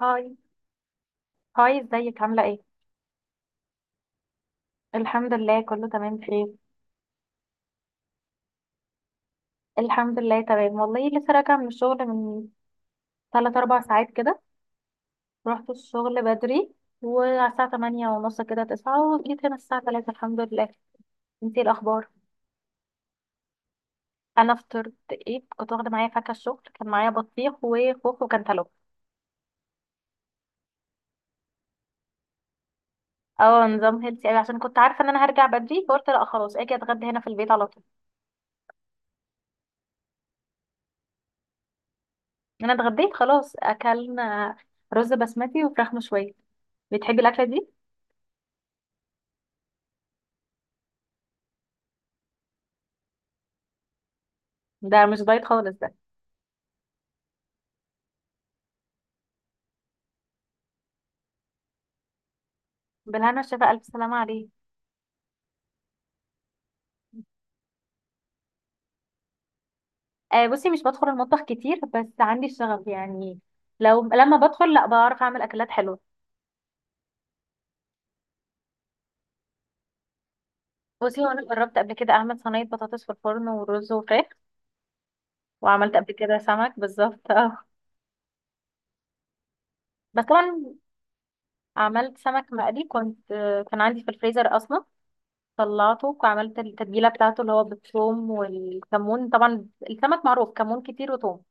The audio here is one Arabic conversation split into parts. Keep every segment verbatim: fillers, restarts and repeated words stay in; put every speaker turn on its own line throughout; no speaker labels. هاي، هاي ازيك عاملة ايه؟ الحمد لله كله تمام بخير. الحمد لله تمام والله، لسه راجعة من الشغل من تلات أربع ساعات كده. رحت الشغل بدري، وعلى الساعة تمانية ونص كده تسعة، وجيت هنا الساعة تلاتة الحمد لله. انتي ايه الأخبار؟ أنا فطرت ايه، كنت واخدة معايا فاكهة، الشغل كان معايا بطيخ وخوخ وكنتالوب. اه، نظام هيلثي اوي عشان كنت عارفة ان انا هرجع بدري، فقلت لا خلاص اجي اتغدى هنا في البيت على طول. انا اتغديت خلاص، اكلنا رز بسمتي وفراخ مشوية. بتحبي الأكلة؟ ده مش دايت خالص ده. بالهنا والشفا، ألف سلامة عليه. آه بصي، مش بدخل المطبخ كتير بس عندي الشغف يعني. لو لما بدخل لا بعرف أعمل أكلات حلوة. بصي، هو أنا جربت قبل كده أعمل صينية بطاطس في الفرن ورز وفراخ، وعملت قبل كده سمك بالظبط اه. بس طبعا عملت سمك مقلي، كنت آه، كان عندي في الفريزر أصلا، طلعته وعملت التتبيلة بتاعته اللي هو بالثوم والكمون، طبعا السمك معروف كمون كتير وثوم.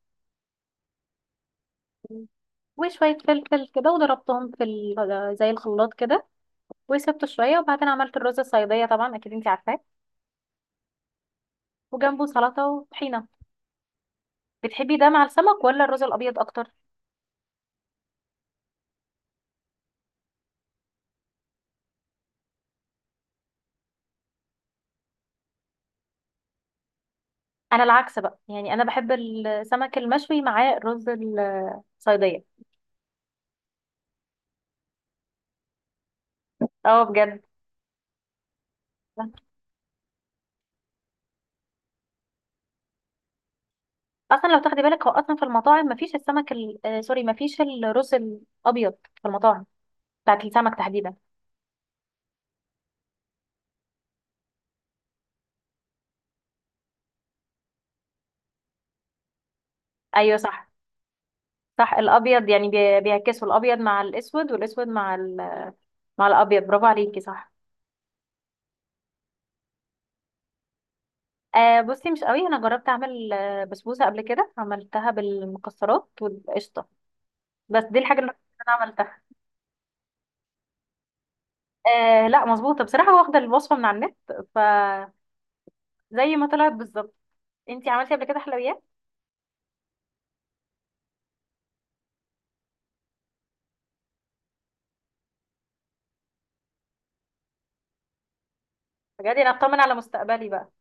وشوية فلفل كده وضربتهم في ال- زي الخلاط كده، وسبته شويه، وبعدين عملت الرز الصياديه طبعا اكيد انت عارفاه، وجنبه سلطه وطحينه. بتحبي ده مع السمك ولا الرز الابيض اكتر؟ انا العكس بقى، يعني انا بحب السمك المشوي معاه الرز الصياديه. اه بجد. اصلا لو تاخدي بالك، هو اصلا في المطاعم مفيش السمك ال... آه سوري، مفيش الرز الابيض في المطاعم بتاعت السمك تحديدا. ايوه صح. صح، الابيض يعني بي... بيعكسوا الابيض مع الاسود، والاسود مع ال... مع الابيض، برافو عليكي صح. آه بصي، مش قوي، انا جربت اعمل آه، بسبوسه قبل كده، عملتها بالمكسرات والقشطه. بس دي الحاجه اللي انا عملتها. آه لا مظبوطه بصراحه، واخده الوصفه من على النت، فزي ما طلعت بالظبط. انتي عملتي قبل كده حلويات؟ بجد انا بطمن على مستقبلي بقى.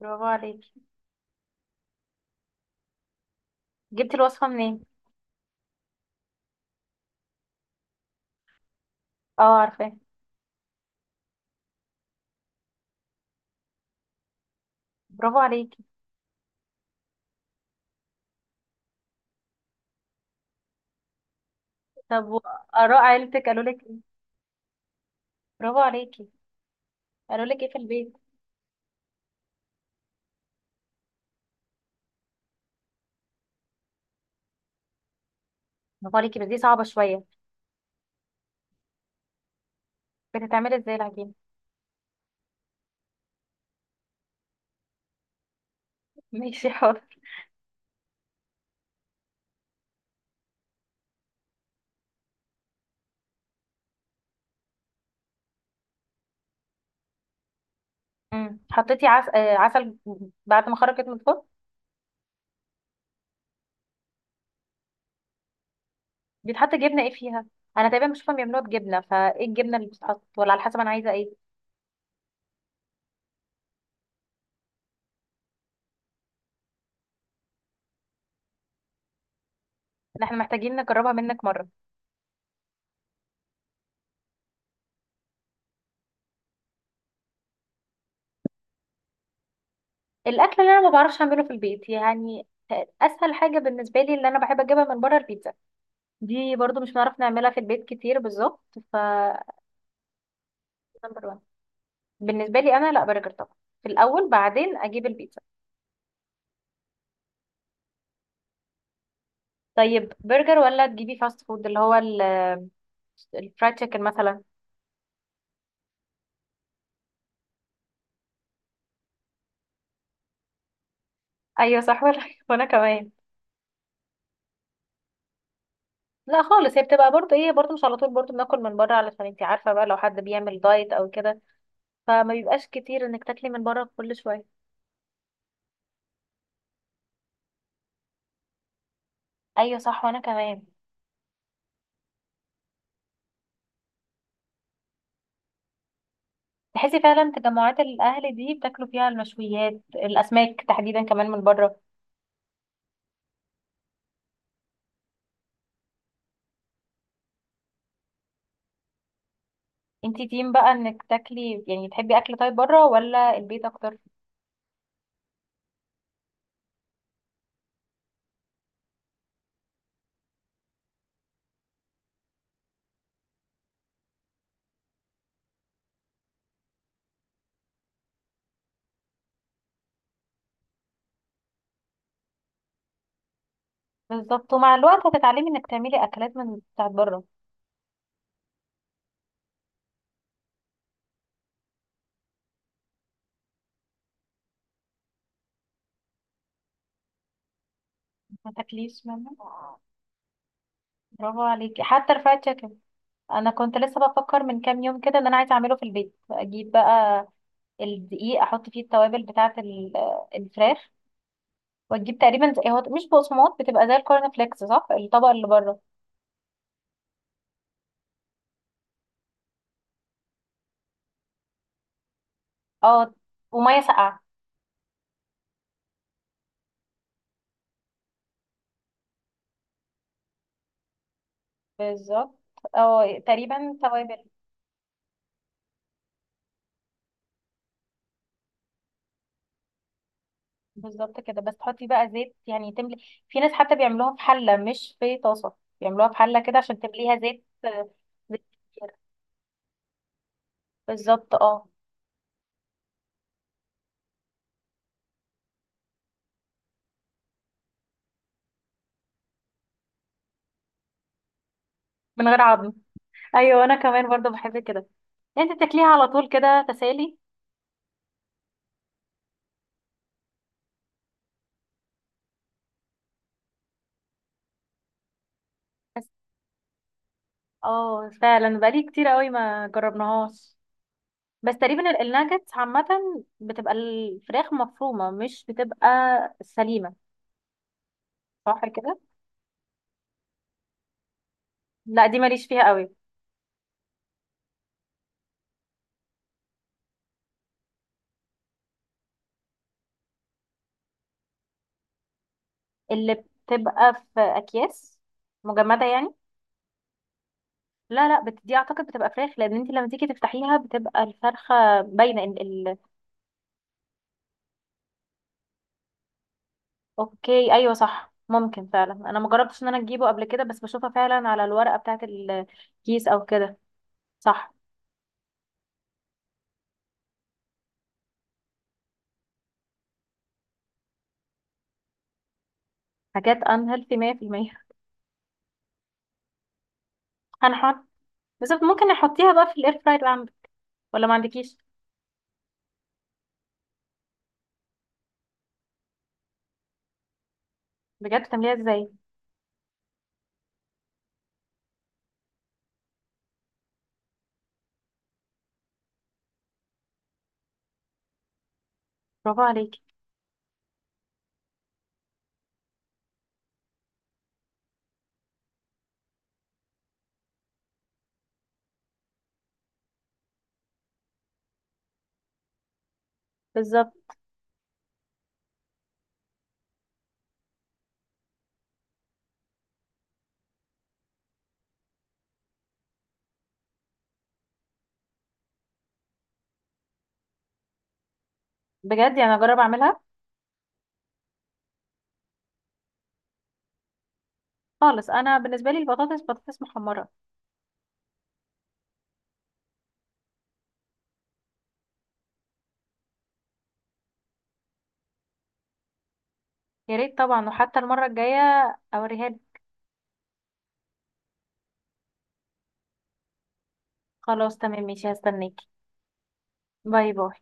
برافو عليكي. جبتي الوصفه منين؟ اه عارفاه. برافو عليكي. طب واراء عيلتك قالوا لك ايه؟ برافو عليكي. قالوا لك ايه في البيت؟ برافو عليكي، بس دي صعبه شويه. بتتعملي ازاي العجينه؟ ماشي حاضر. امم، حطيتي عس... آه، عسل بعد ما خرجت من الفرن؟ بيتحط جبنه ايه فيها؟ انا تقريبا بشوفهم بيعملوها بجبنه، فايه الجبنه اللي بتتحط ولا على حسب انا عايزه ايه؟ إن احنا محتاجين نجربها منك مره. الاكل اللي انا ما بعرفش اعمله في البيت يعني، اسهل حاجه بالنسبه لي اللي انا بحب اجيبها من بره البيتزا، دي برضو مش هنعرف نعملها في البيت كتير بالظبط ف نمبر واحد بالنسبه لي. انا لا برجر طبعا في الاول، بعدين اجيب البيتزا. طيب برجر ولا تجيبي فاست فود اللي هو ال- الفرايد تشيكن مثلا؟ ايوه صح ولا وانا كمان. لا خالص، هي بتبقى برضه ايه، برضه مش على طول برضه بناكل من بره، علشان انتي عارفه بقى، لو حد بيعمل دايت او كده فما بيبقاش كتير انك تاكلي من بره كل شويه. ايوه صح وانا كمان. تحسي فعلا تجمعات الاهل دي بتاكلوا فيها المشويات، الاسماك تحديدا كمان من بره؟ انتي تيم بقى انك تاكلي، يعني تحبي اكل طيب بره ولا البيت اكتر؟ بالظبط، ومع الوقت هتتعلمي انك تعملي اكلات من بتاعت بره. ما تاكليش منها. برافو عليكي. حتى الفرايد تشيكن انا كنت لسه بفكر من كام يوم كده، ان انا عايزه اعمله في البيت، اجيب بقى الدقيق احط فيه التوابل بتاعه ال- الفراخ، وتجيب تقريبا زي، هو مش بقسماط، بتبقى زي الكورن فليكس، صح الطبق اللي بره؟ اه، وميه ساقعه. بالظبط، اه تقريبا توابل. بالظبط كده، بس تحطي بقى زيت، يعني تملي. في ناس حتى بيعملوها في حله مش في طاسه، بيعملوها في حله كده عشان تمليها زيت آه، زيت كتير. بالظبط اه. من غير عظم، ايوه انا كمان برضه بحب كده. يعني انت بتاكليها على طول كده تسالي؟ بس اه فعلا بقالي كتير قوي ما جربناهاش. بس تقريبا ال- الناجتس عامة بتبقى الفراخ مفرومة، مش بتبقى سليمة، صح كده؟ لا دي ماليش فيها قوي. اللي بتبقى في أكياس مجمدة يعني؟ لا لا بت... دي أعتقد بتبقى فراخ، لأن انت لما تيجي تفتحيها بتبقى الفرخة باينة ال... ال... أوكي أيوة صح. ممكن فعلا، أنا مجربتش إن أنا أجيبه قبل كده، بس بشوفها فعلا على الورقة بتاعة الكيس أو كده. صح. حاجات unhealthy مية في المية. هنحط، بس ممكن نحطيها بقى في الاير فراير اللي عندك ولا ما عندكيش؟ بجد بتعمليها ازاي؟ برافو عليكي. بالظبط. بجد يعني اجرب اعملها. خالص، انا بالنسبه لي البطاطس بطاطس محمره. يا ريت طبعا، وحتى المره الجايه اوريها لك. خلاص تمام ماشي، هستناكي. باي باي.